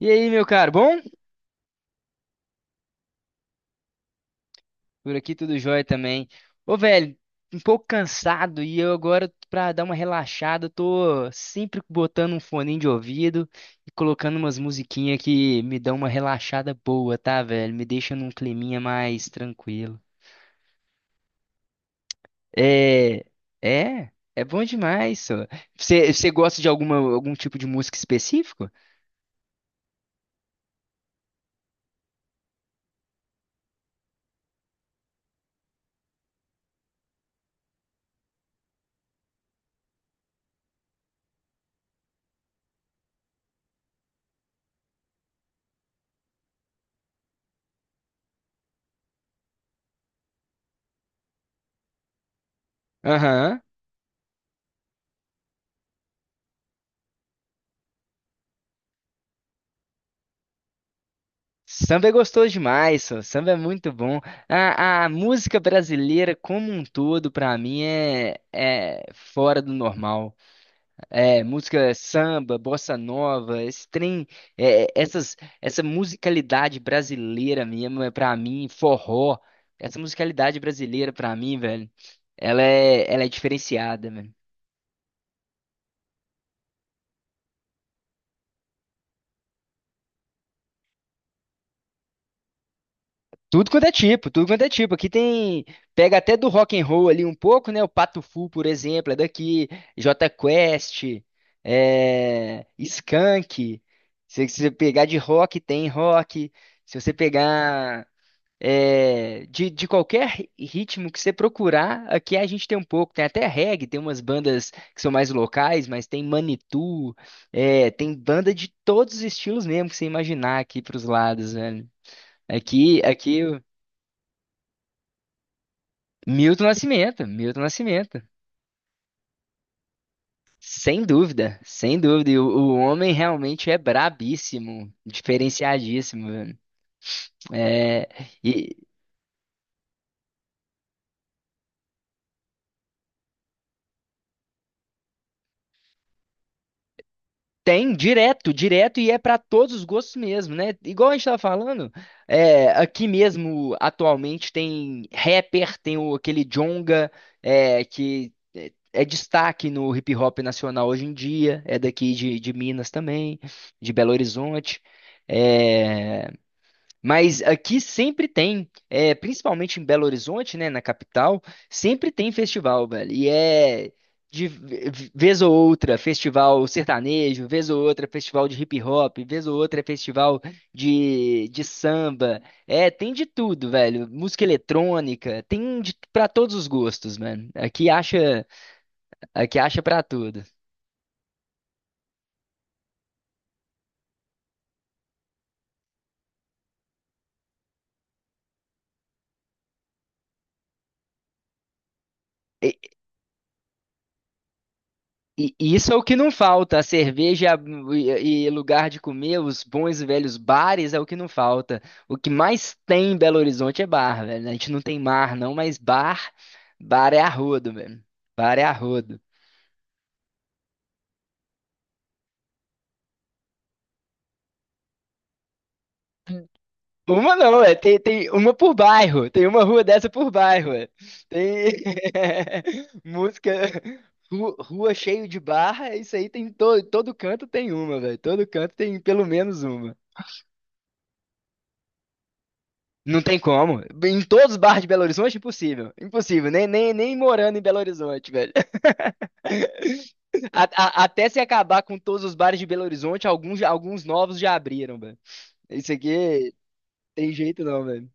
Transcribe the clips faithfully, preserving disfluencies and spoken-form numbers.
E aí, meu caro, bom? Por aqui tudo jóia também. Ô, velho, um pouco cansado e eu agora, pra dar uma relaxada, tô sempre botando um foninho de ouvido e colocando umas musiquinhas que me dão uma relaxada boa, tá, velho? Me deixa num climinha mais tranquilo. É, é, é bom demais, só. Você gosta de alguma, algum tipo de música específico? Aham. Samba é gostoso demais, só. Samba é muito bom. A, a música brasileira como um todo, pra mim, é, é fora do normal. É, música samba, bossa nova, esse trem, é, é, essas, essa musicalidade brasileira mesmo, é pra mim, forró, essa musicalidade brasileira pra mim, velho, ela é, ela é diferenciada. Tudo quanto é tipo, tudo quanto é tipo. Aqui tem, pega até do rock and roll ali um pouco, né? O Pato Fu, por exemplo, é daqui, Jota Quest, é... Skank. Se se você pegar de rock, tem rock. Se você pegar é, de, de qualquer ritmo que você procurar, aqui a gente tem um pouco. Tem até reggae, tem umas bandas que são mais locais, mas tem Manitou, é, tem banda de todos os estilos mesmo que você imaginar aqui pros lados, velho. Aqui, aqui. Milton Nascimento, Milton Nascimento. Sem dúvida, sem dúvida. E o, o homem realmente é brabíssimo, diferenciadíssimo, velho. É, e tem direto, direto, e é para todos os gostos mesmo, né? Igual a gente tava falando, é, aqui mesmo, atualmente, tem rapper, tem o, aquele Djonga, é, que é, é destaque no hip hop nacional hoje em dia, é daqui de, de Minas também, de Belo Horizonte. É, mas aqui sempre tem, é, principalmente em Belo Horizonte, né, na capital, sempre tem festival, velho. E é de v- v- vez ou outra festival sertanejo, vez ou outra festival de hip hop, vez ou outra festival de, de samba. É, tem de tudo, velho. Música eletrônica, tem de, para todos os gostos, mano. Aqui acha, aqui acha para tudo. E e isso é o que não falta, a cerveja e e lugar de comer, os bons e velhos bares é o que não falta. O que mais tem em Belo Horizonte é bar, velho. A gente não tem mar não, mas bar, bar é arrodo, velho. Bar é arrodo. Uma não, é, tem, tem uma por bairro, tem uma rua dessa por bairro, é. Tem música, ru- rua cheio de barra, isso aí tem todo, todo canto tem uma, velho. Todo canto tem pelo menos uma. Não tem como. Em todos os bares de Belo Horizonte, impossível. Impossível. Nem, nem, nem morando em Belo Horizonte, velho. A- a- até se acabar com todos os bares de Belo Horizonte, alguns, já- alguns novos já abriram, velho. Isso aqui tem jeito não, velho.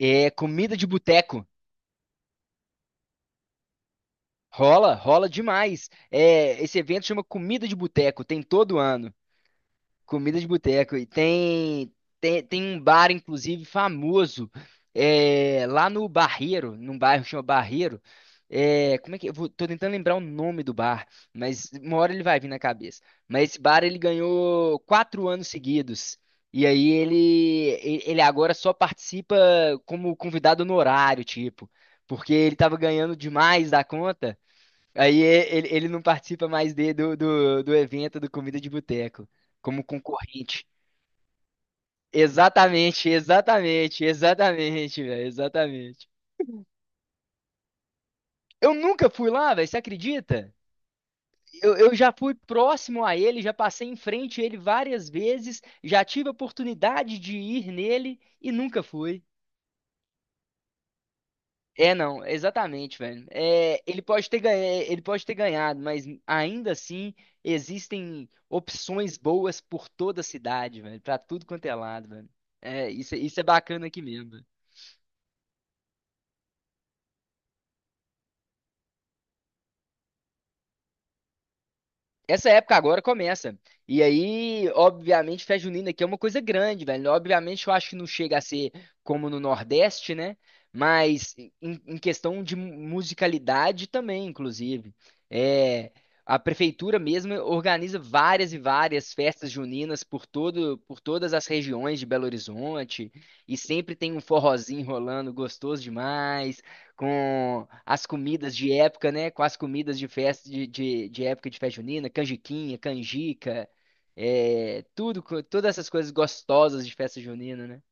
É comida de boteco. Rola, rola demais. É, esse evento chama Comida de Boteco, tem todo ano. Comida de boteco. E tem, tem, tem um bar, inclusive, famoso, é, lá no Barreiro, num bairro que chama Barreiro. É, como é que. Eu vou- tô tentando lembrar o nome do bar, mas uma hora ele vai vir na cabeça. Mas esse bar ele ganhou quatro anos seguidos. E aí ele, e- ele agora só participa como convidado honorário, tipo. Porque ele tava ganhando demais da conta. Aí é, ele, ele não participa mais de- do, do, do evento do Comida de Boteco, como concorrente. Exatamente, exatamente, exatamente, velho, exatamente. Eu nunca fui lá, velho, você acredita? Eu, eu já fui próximo a ele, já passei em frente a ele várias vezes, já tive a oportunidade de ir nele e nunca fui. É, não, exatamente, velho. É, ele pode ter ganha- ele pode ter ganhado, mas ainda assim existem opções boas por toda a cidade, velho, pra tudo quanto é lado, velho. É, isso, é, isso é bacana aqui mesmo. Essa época agora começa. E aí, obviamente, festa junina aqui é uma coisa grande, velho. Obviamente, eu acho que não chega a ser como no Nordeste, né? Mas em, em questão de mu- musicalidade também, inclusive. É, a prefeitura mesmo organiza várias e várias festas juninas por todo, por todas as regiões de Belo Horizonte. E sempre tem um forrozinho rolando, gostoso demais com as comidas de época, né? Com as comidas de festa de, de, de época de festa junina, canjiquinha, canjica, é, tudo, co- todas essas coisas gostosas de festa junina, né?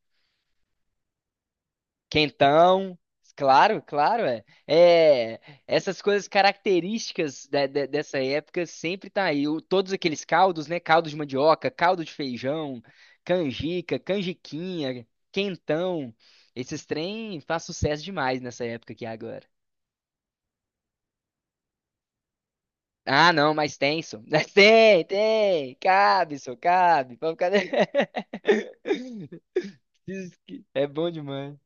Quentão, claro, claro, é. É, essas coisas características da- da- dessa época sempre tá aí. O- todos aqueles caldos, né? Caldo de mandioca, caldo de feijão, canjica, canjiquinha, quentão. Esses trem faz sucesso demais nessa época aqui agora. Ah, não, mais tenso. Tem, tem. Cabe, só cabe. Pode ficar... Diz que é bom demais.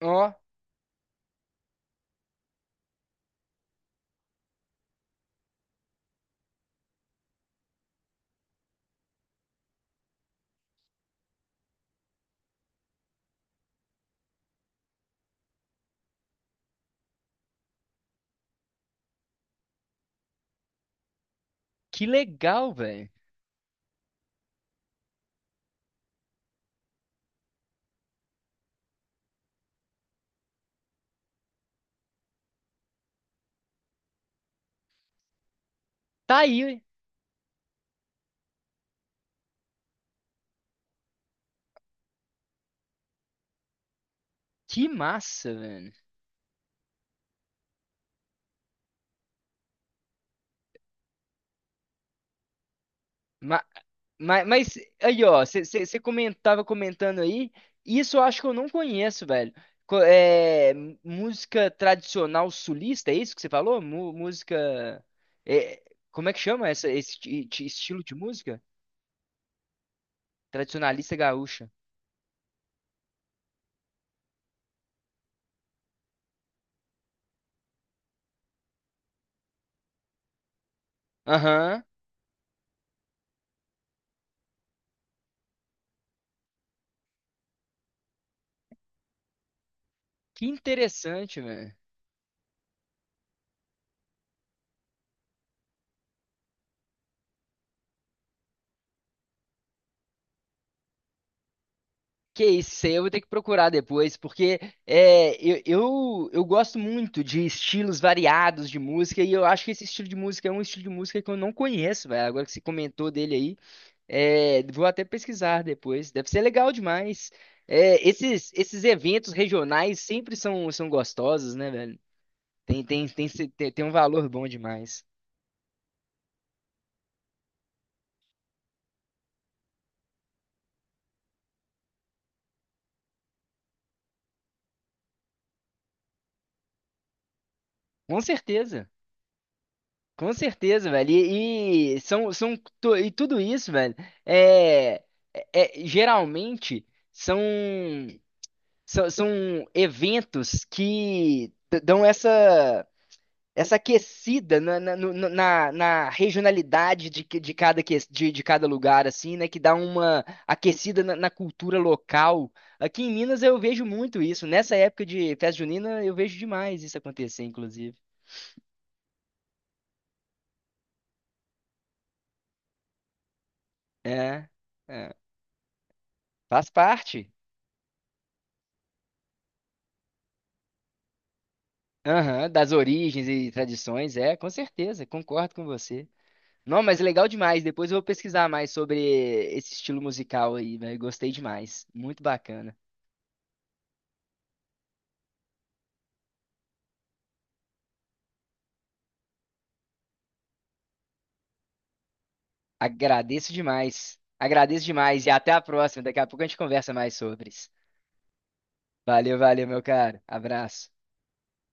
Ó, que legal, velho. Tá aí, que massa, velho. Ma- ma- Mas, aí, ó, você comentava comentando aí, isso eu acho que eu não conheço, velho. Co- É, m- música tradicional sulista, é isso que você falou? Mu- música. é, Como é que chama essa- esse ti- ti- estilo de música? Tradicionalista gaúcha. Aham. Que interessante, velho. Que isso, isso aí eu vou ter que procurar depois, porque é, eu, eu, eu gosto muito de estilos variados de música, e eu acho que esse estilo de música é um estilo de música que eu não conheço, velho. Agora que você comentou dele aí, é, vou até pesquisar depois. Deve ser legal demais. É, esses, esses eventos regionais sempre são, são gostosos, né, velho? Tem, tem, tem, tem, tem um valor bom demais. Com certeza. Com certeza, velho. E, e são, são tu- e tudo isso, velho, é, é- geralmente são, são, são eventos que d- dão essa essa aquecida na, na, no- no- na, na regionalidade de, que- de cada que- de, de cada lugar, assim, né? Que dá uma aquecida na, na cultura local. Aqui em Minas eu vejo muito isso. Nessa época de festa junina eu vejo demais isso acontecer, inclusive. É, é. Faz parte. Aham, das origens e tradições, é, com certeza, concordo com você. Não, mas legal demais. Depois eu vou pesquisar mais sobre esse estilo musical aí, velho. Gostei demais. Muito bacana. Agradeço demais. Agradeço demais e até a próxima. Daqui a pouco a gente conversa mais sobre isso. Valeu, valeu, meu caro. Abraço.